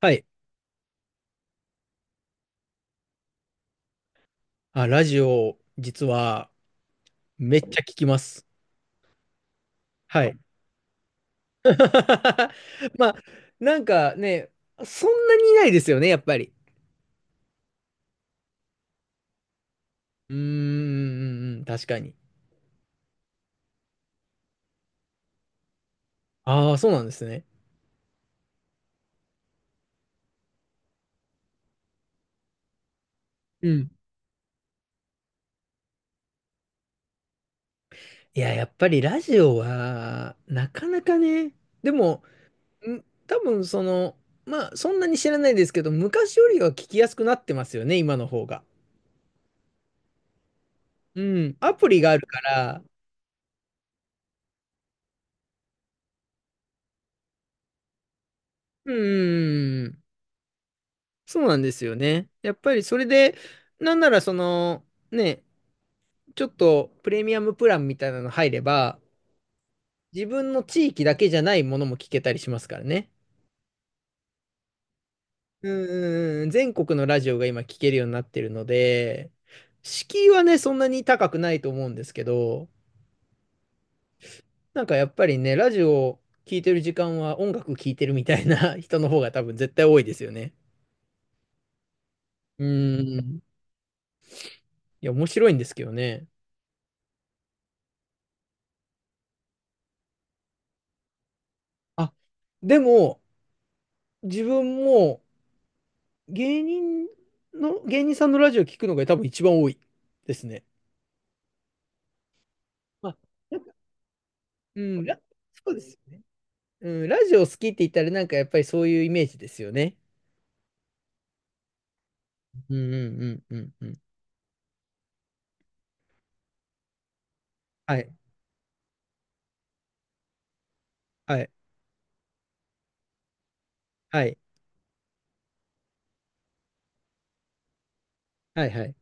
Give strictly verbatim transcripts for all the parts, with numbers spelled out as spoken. はい。あ、ラジオ、実は、めっちゃ聞きます。はい。まあ、なんかね、そんなにいないですよね、やっぱり。うーん、うんうん確かに。ああ、そうなんですね。うん。いや、やっぱりラジオは、なかなかね、でも、ん多分その、まあ、そんなに知らないですけど、昔よりは聞きやすくなってますよね、今の方が。うん。アプリがあるから、うん、うんうんそうなんですよね。やっぱりそれで、なんならその、ね、ちょっとプレミアムプランみたいなの入れば、自分の地域だけじゃないものも聞けたりしますからね。うんうんうん、全国のラジオが今聞けるようになってるので、敷居はね、そんなに高くないと思うんですけど、なんかやっぱりね、ラジオを聞いてる時間は音楽聞いてるみたいな 人の方が多分絶対多いですよね。うん。いや、面白いんですけどね。あ、でも、自分も、芸人の、芸人さんのラジオ聞くのが多分一番多いですね。まあ、なんか、うん、ラ、そうですよね。ね。うん、ラジオ好きって言ったらなんかやっぱりそういうイメージですよね。うんうんうんうんうん。はい、はい、はい、はい、はい。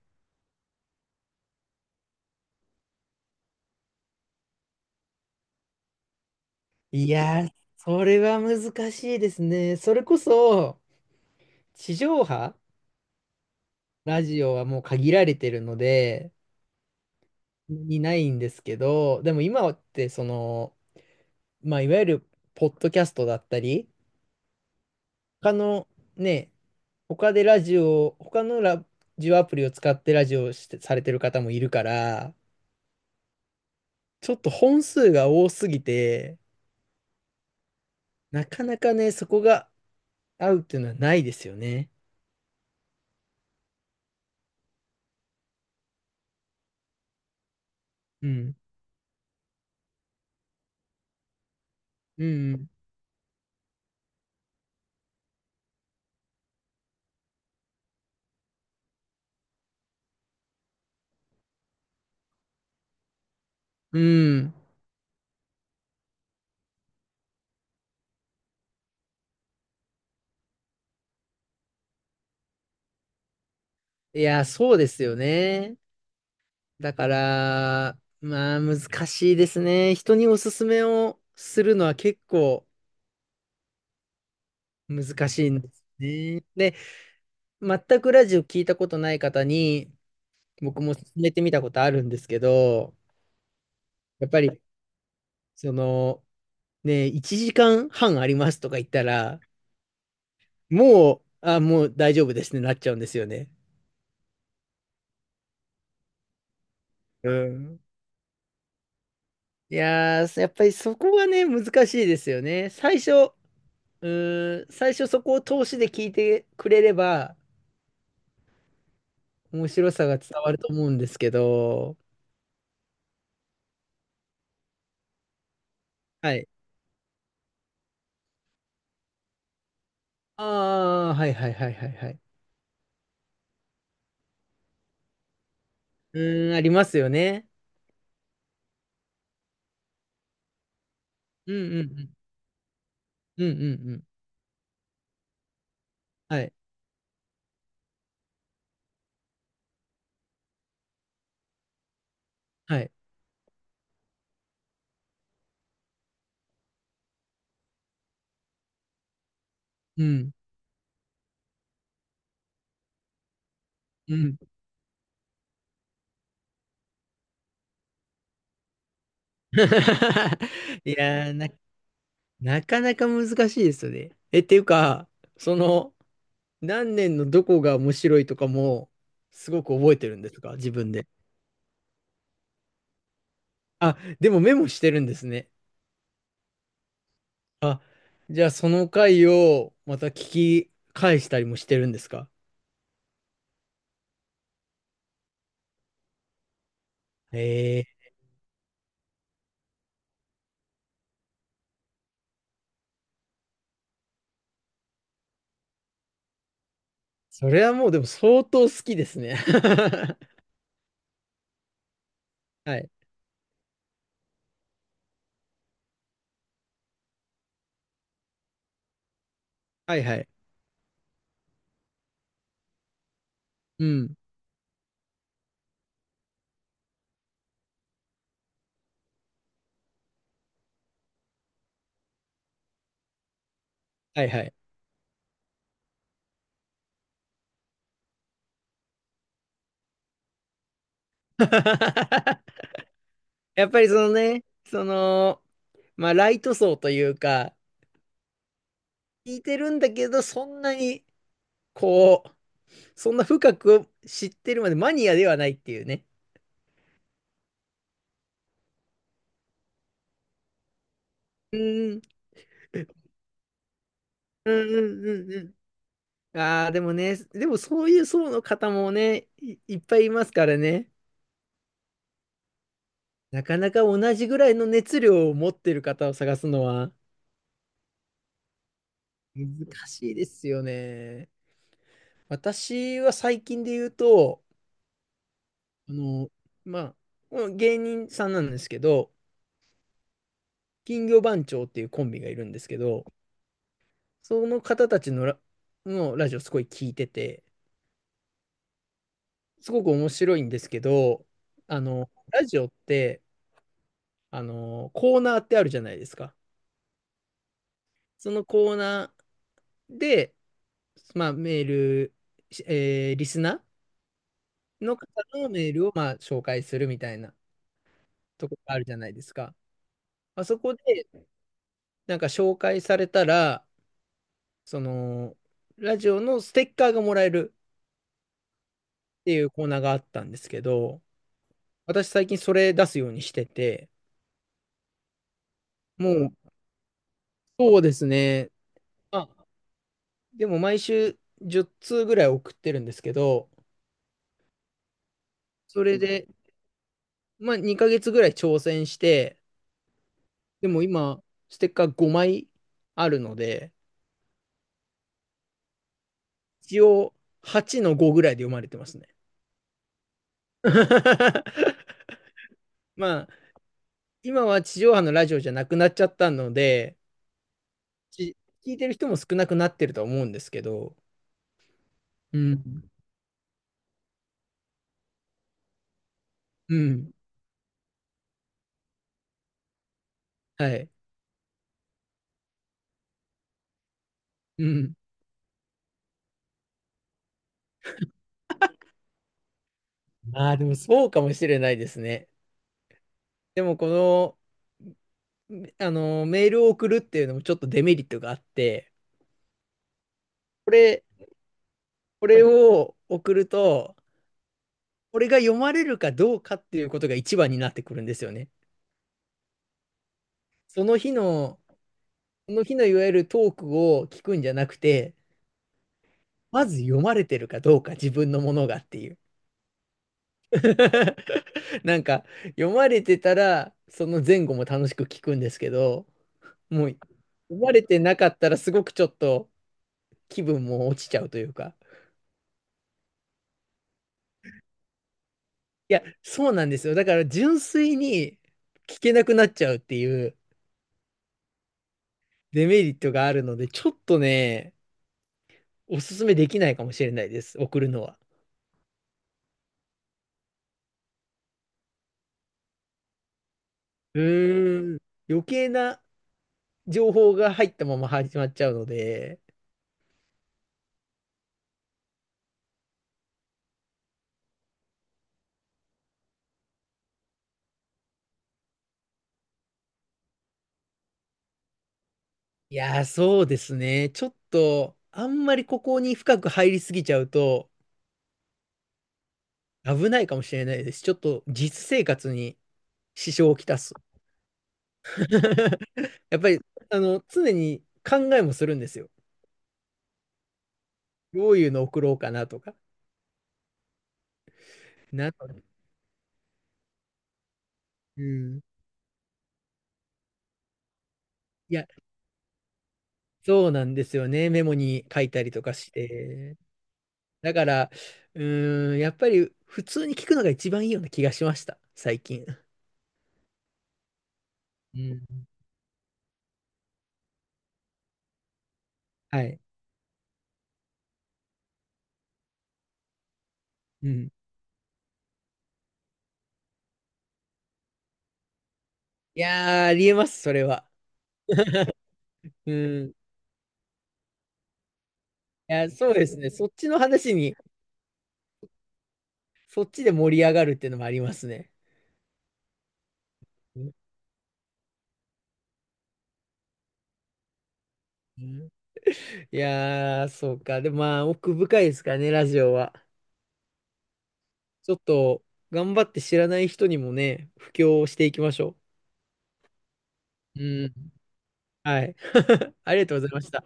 いやー、それは難しいですね。それこそ、地上波ラジオはもう限られてるので、にないんですけど、でも今ってその、まあ、いわゆるポッドキャストだったり、他のね、他でラジオ、他のラジオアプリを使ってラジオをして、されてる方もいるから、ちょっと本数が多すぎて、なかなかね、そこが合うっていうのはないですよね。うん。うん。うん。いや、そうですよね。だから、まあ難しいですね。人におすすめをするのは結構難しいんですね。で、全くラジオ聞いたことない方に、僕も進めてみたことあるんですけど、やっぱり、その、ね、いちじかんはんありますとか言ったら、もう、あ、もう大丈夫ですね、なっちゃうんですよね。うん。いやー、やっぱりそこがね、難しいですよね。最初、うーん、最初そこを通しで聞いてくれれば、面白さが伝わると思うんですけど、はい。ああ、はいはいはいはいはい。うーん、ありますよね。うんうんうん。うんうんうん。はい。はい。うん。うん いやー、な、なかなか難しいですよね。え、っていうか、その、何年のどこが面白いとかも、すごく覚えてるんですか、自分で。あ、でもメモしてるんですね。あ、じゃあその回をまた聞き返したりもしてるんですか。えー、それはもうでも相当好きですね。はい。はいはい。うん。はいはい。やっぱりそのね、その、まあ、ライト層というか、聞いてるんだけど、そんなに、こう、そんな深く知ってるまでマニアではないっていうね。うん、うんうんうんうん。ああ、でもね、でもそういう層の方もね、い、いっぱいいますからね。なかなか同じぐらいの熱量を持ってる方を探すのは難しいですよね。私は最近で言うと、あの、まあ、もう芸人さんなんですけど、金魚番長っていうコンビがいるんですけど、その方たちのラ、のラジオすごい聞いてて、すごく面白いんですけど、あの、ラジオって、あの、コーナーってあるじゃないですか。そのコーナーで、まあ、メール、しえーリスナーの方のメールを、まあ、紹介するみたいなとこがあるじゃないですか。まあそこで、なんか紹介されたら、その、ラジオのステッカーがもらえるっていうコーナーがあったんですけど、私最近それ出すようにしてて、もう、そうですね。まあ、でも毎週じゅう通ぐらい送ってるんですけど、それで、まあ、にかげつぐらい挑戦して、でも今、ステッカーごまいあるので、一応はちのごぐらいで読まれてますね。まあ、今は地上波のラジオじゃなくなっちゃったので、ち聞いてる人も少なくなってるとは思うんですけど、うん、うん、はい、うん。ああ、でもそうかもしれないですね。でも、この、あの、メールを送るっていうのもちょっとデメリットがあって、これ、これを送ると、これが読まれるかどうかっていうことが一番になってくるんですよね。その日の、その日のいわゆるトークを聞くんじゃなくて、まず読まれてるかどうか自分のものがっていう。なんか、読まれてたら、その前後も楽しく聞くんですけど、もう、読まれてなかったらすごくちょっと気分も落ちちゃうというか。いや、そうなんですよ。だから純粋に聞けなくなっちゃうっていうデメリットがあるので、ちょっとね、おすすめできないかもしれないです。送るのは。うーん。余計な情報が入ったまま始まっちゃうので、いやー、そうですね。ちょっと、あんまりここに深く入りすぎちゃうと危ないかもしれないです。ちょっと実生活に支障をきたす。やっぱり、あの、常に考えもするんですよ。どういうの送ろうかなとか。なので、うん。いや、そうなんですよね。メモに書いたりとかして。だから、うーん、やっぱり普通に聞くのが一番いいような気がしました、最近。うん。はい。うん。いやー、ありえます、それは。うん。いや、そうですね。そっちの話に、そっちで盛り上がるっていうのもありますね。うんうんいやー、そうか。でもまあ、奥深いですからね、ラジオは。ちょっと、頑張って知らない人にもね、布教をしていきましょう。うん。はい。ありがとうございました。